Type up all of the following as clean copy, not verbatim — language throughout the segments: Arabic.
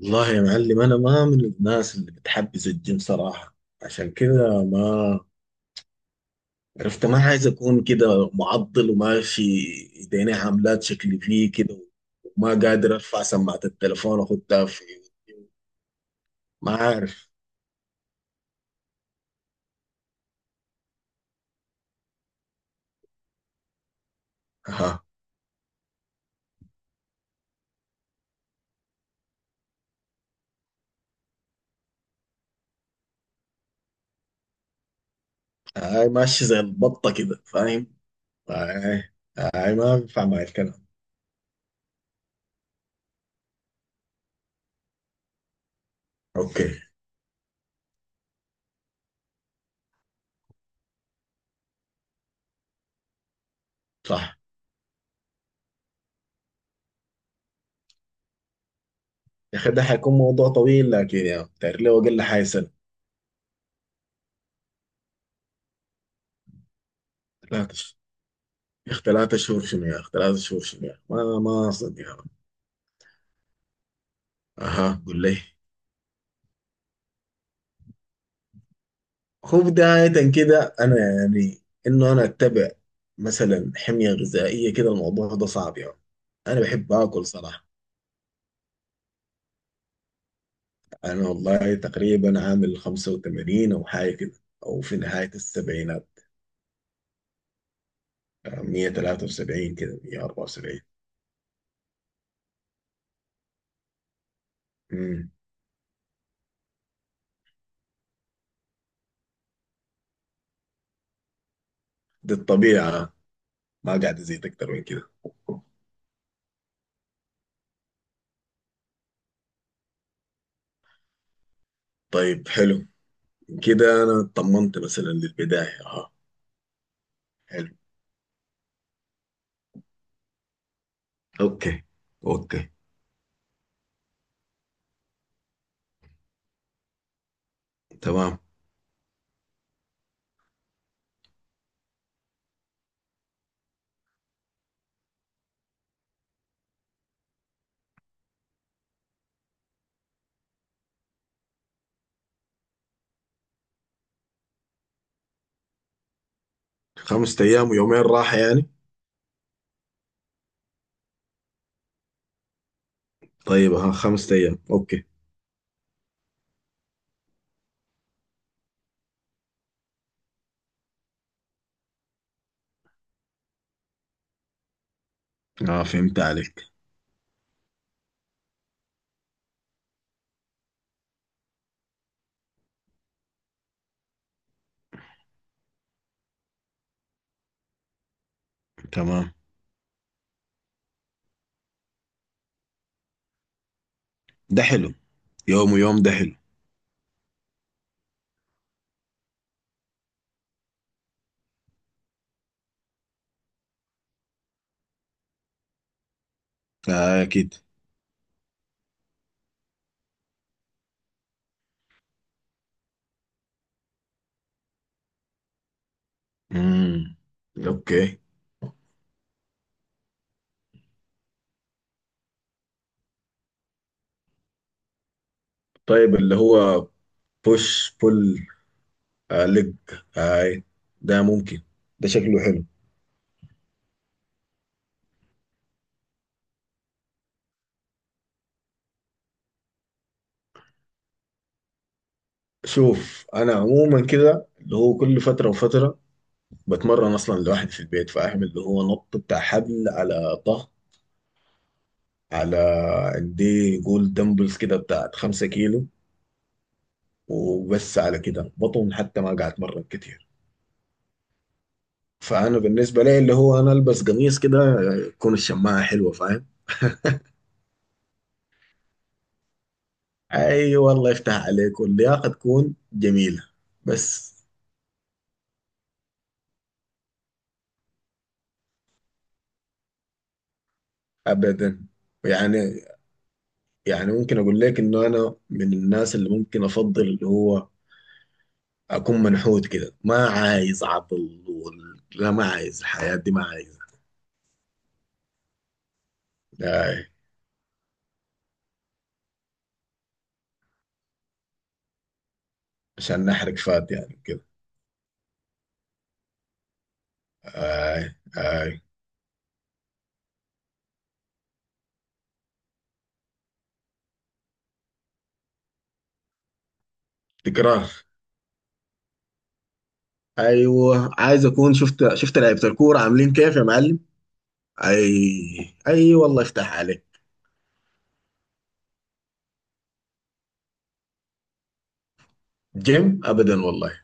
والله يا معلم، انا ما من الناس اللي بتحبذ الجيم صراحه. عشان كده ما عرفت. ما عايز اكون كده معضل وماشي ايديني عاملات شكلي فيه كده، وما قادر ارفع سماعه التليفون واخدها في. ما عارف. ها. هاي ماشي زي البطه كده، فاهم. هاي. هاي، ما بينفع معي الكلام. اوكي. صح. يا اخي ده حيكون موضوع طويل، لكن يا تعرف ليه؟ اقل حاجه سنه. 3 شهور؟ يا اخي 3 شهور شنو؟ يا اخي 3 شهور شنو؟ يا اخي ما اصدق. اها، قول لي. هو بداية كده أنا يعني إنه أنا أتبع مثلا حمية غذائية كده، الموضوع ده صعب يعني. أنا بحب آكل صراحة. أنا والله تقريبا عامل 85 أو حاجة كده. أو في نهاية السبعينات. 173 كده، 174. امم دي الطبيعة. ما قاعد أزيد أكتر من كده. طيب حلو. كده أنا اطمنت مثلا للبداية. أها. حلو. أوكي. أوكي. تمام. 5 أيام ويومين راحة يعني. طيب ها، 5 ايام، اوكي. اه، فهمت عليك. تمام. ده حلو. يوم ويوم ده حلو. آه اكيد. امم. اوكي. طيب اللي هو بوش بول ليج. هاي. ده ممكن. ده شكله حلو. شوف انا عموما كده اللي هو كل فتره وفتره بتمرن اصلا لوحدي في البيت، فاعمل اللي هو نط بتاع حبل على ظهر. على. عندي جول دمبلز كده بتاعت 5 كيلو، وبس. على كده بطن حتى ما قاعد اتمرن كتير. فانا بالنسبه لي اللي هو انا البس قميص كده تكون الشماعه حلوه، فاهم؟ اي والله يفتح عليك واللياقه تكون جميله، بس. ابدا. يعني يعني ممكن اقول لك انه انا من الناس اللي ممكن افضل اللي هو اكون منحوت كده، ما عايز عضل لا، ما عايز الحياه دي، ما عايز. آي. عشان نحرق فات يعني كده. اي اي. تكرار. ايوه عايز اكون شفت لعيبه الكوره عاملين كيف يا معلم. اي اي والله افتح عليك. جيم ابدا والله.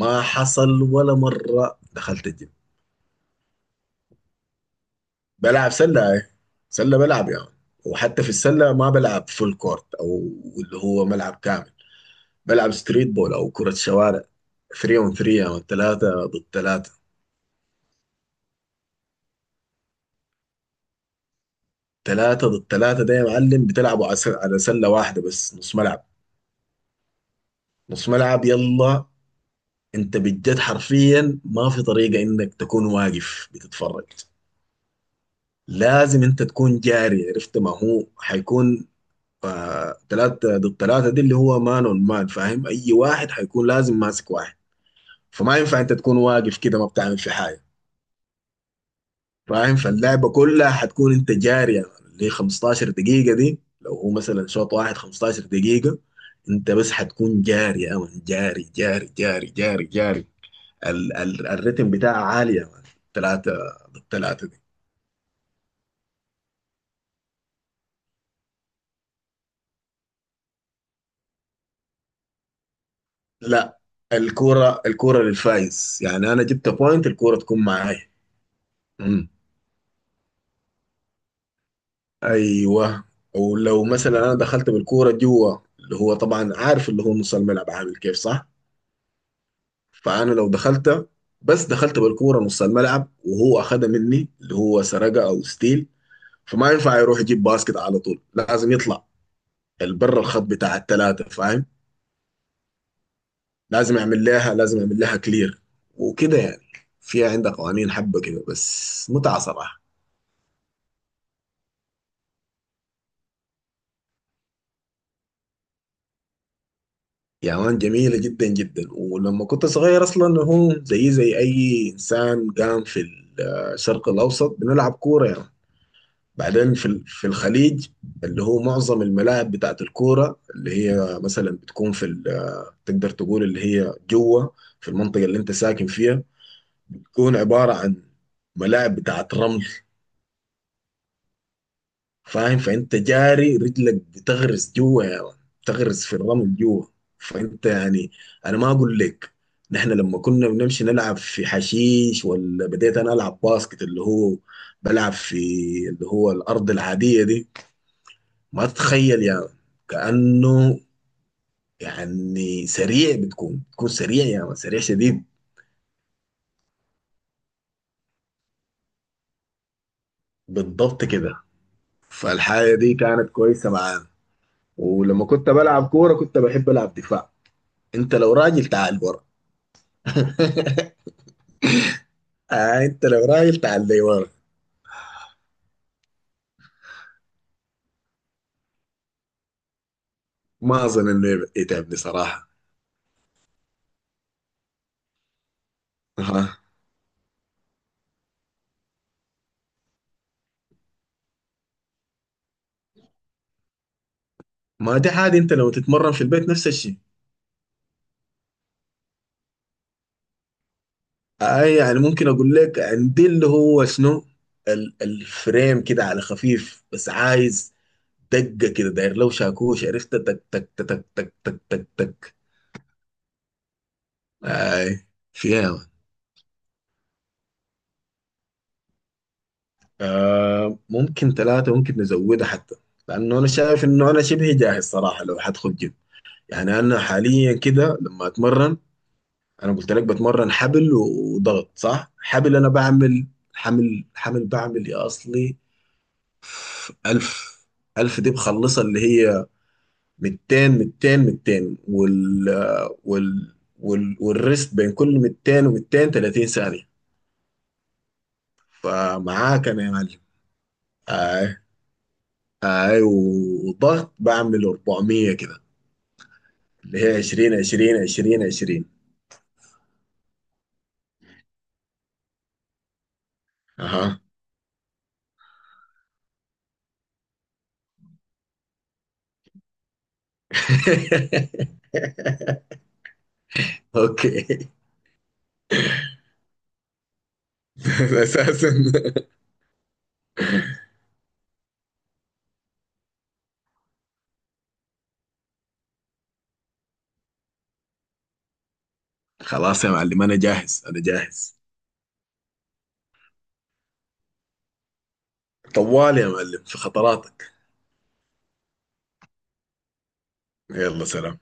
ما حصل ولا مره دخلت الجيم. بلعب سله، اي. سله بلعب يعني. وحتى في السله ما بلعب فول كورت او اللي هو ملعب كامل. بلعب ستريت بول او كره شوارع. 3 اون 3، يعني 3 ضد 3. 3 ضد 3 ده يا معلم بتلعبوا على على سله واحده بس، نص ملعب. نص ملعب. يلا، انت بجد حرفيا ما في طريقه انك تكون واقف بتتفرج. لازم انت تكون جاري، عرفت؟ ما هو حيكون. آه تلاتة ضد تلاتة دي اللي هو مان اون مان، فاهم؟ اي واحد حيكون لازم ماسك واحد. فما ينفع انت تكون واقف كده ما بتعمل في حاجة، فاهم؟ فاللعبة كلها حتكون انت جاري يعني. اللي 15 دقيقة دي، لو هو مثلا شوط واحد 15 دقيقة، انت بس حتكون جاري يا مان، جاري جاري جاري جاري جاري. ال ال الريتم بتاعها عالي يا مان. تلاتة ضد تلاتة. لا، الكورة الكورة للفايز، يعني أنا جبت بوينت الكورة تكون معاي. مم. أيوه. ولو مثلا أنا دخلت بالكورة جوا اللي هو طبعا عارف اللي هو نص الملعب عامل كيف، صح؟ فأنا لو دخلت، بس دخلت بالكورة نص الملعب وهو أخدها مني اللي هو سرقة أو ستيل. فما ينفع يروح يجيب باسكت على طول، لازم يطلع البر الخط بتاع التلاتة، فاهم؟ لازم يعمل لها، لازم يعمل لها كلير، وكده يعني. فيها عندها قوانين حبة كده، بس متعة صراحة. يا مان جميلة جدا جدا. ولما كنت صغير أصلا هو زي زي أي إنسان قام في الشرق الأوسط، بنلعب كورة يعني. بعدين في في الخليج اللي هو معظم الملاعب بتاعت الكورة اللي هي مثلا بتكون في تقدر تقول اللي هي جوه في المنطقة اللي أنت ساكن فيها تكون عبارة عن ملاعب بتاعت رمل. فاهم؟ فانت جاري رجلك بتغرس جوا يا مان. بتغرس في الرمل جوا. فانت يعني، انا ما اقول لك، نحن لما كنا بنمشي نلعب في حشيش، ولا بديت انا العب باسكت اللي هو بلعب في اللي هو الارض العاديه دي، ما تتخيل يا مان. كانه يعني سريع، بتكون سريع يا مان، سريع شديد. بالضبط كده. فالحاجه دي كانت كويسه معانا. ولما كنت بلعب كوره كنت بحب العب دفاع. انت لو راجل تعال برا. آه انت لو راجل تعال لي ورا. ما اظن انه يتعبني صراحه. اها، ما دي عادي، انت لو تتمرن في البيت نفس الشيء. آه يعني ممكن اقول لك عندي اللي هو شنو، الفريم كده على خفيف، بس عايز دقه كده داير لو شاكوش، عرفت؟ تك تك تك، تك تك تك تك تك. اي. فيها. آه ممكن 3، ممكن نزودها حتى، لانه انا شايف انه انا شبه جاهز صراحه لو حدخل جيم. يعني انا حاليا كده لما اتمرن، انا قلت لك بتمرن حبل وضغط، صح؟ حبل انا بعمل حمل حمل بعمل يا اصلي ألف. ألف دي بخلصها اللي هي 200، 200، 200، وال والريست بين كل 200 و200 30 ثانية. فمعاك انا يا معلم. اي اي. وضغط بعمل 400 كده، اللي هي 20، 20، 20، 20. اها. اوكي. اساسا. خلاص يا معلم انا جاهز، انا جاهز. طوال يا معلم في خطراتك. يلا سلام.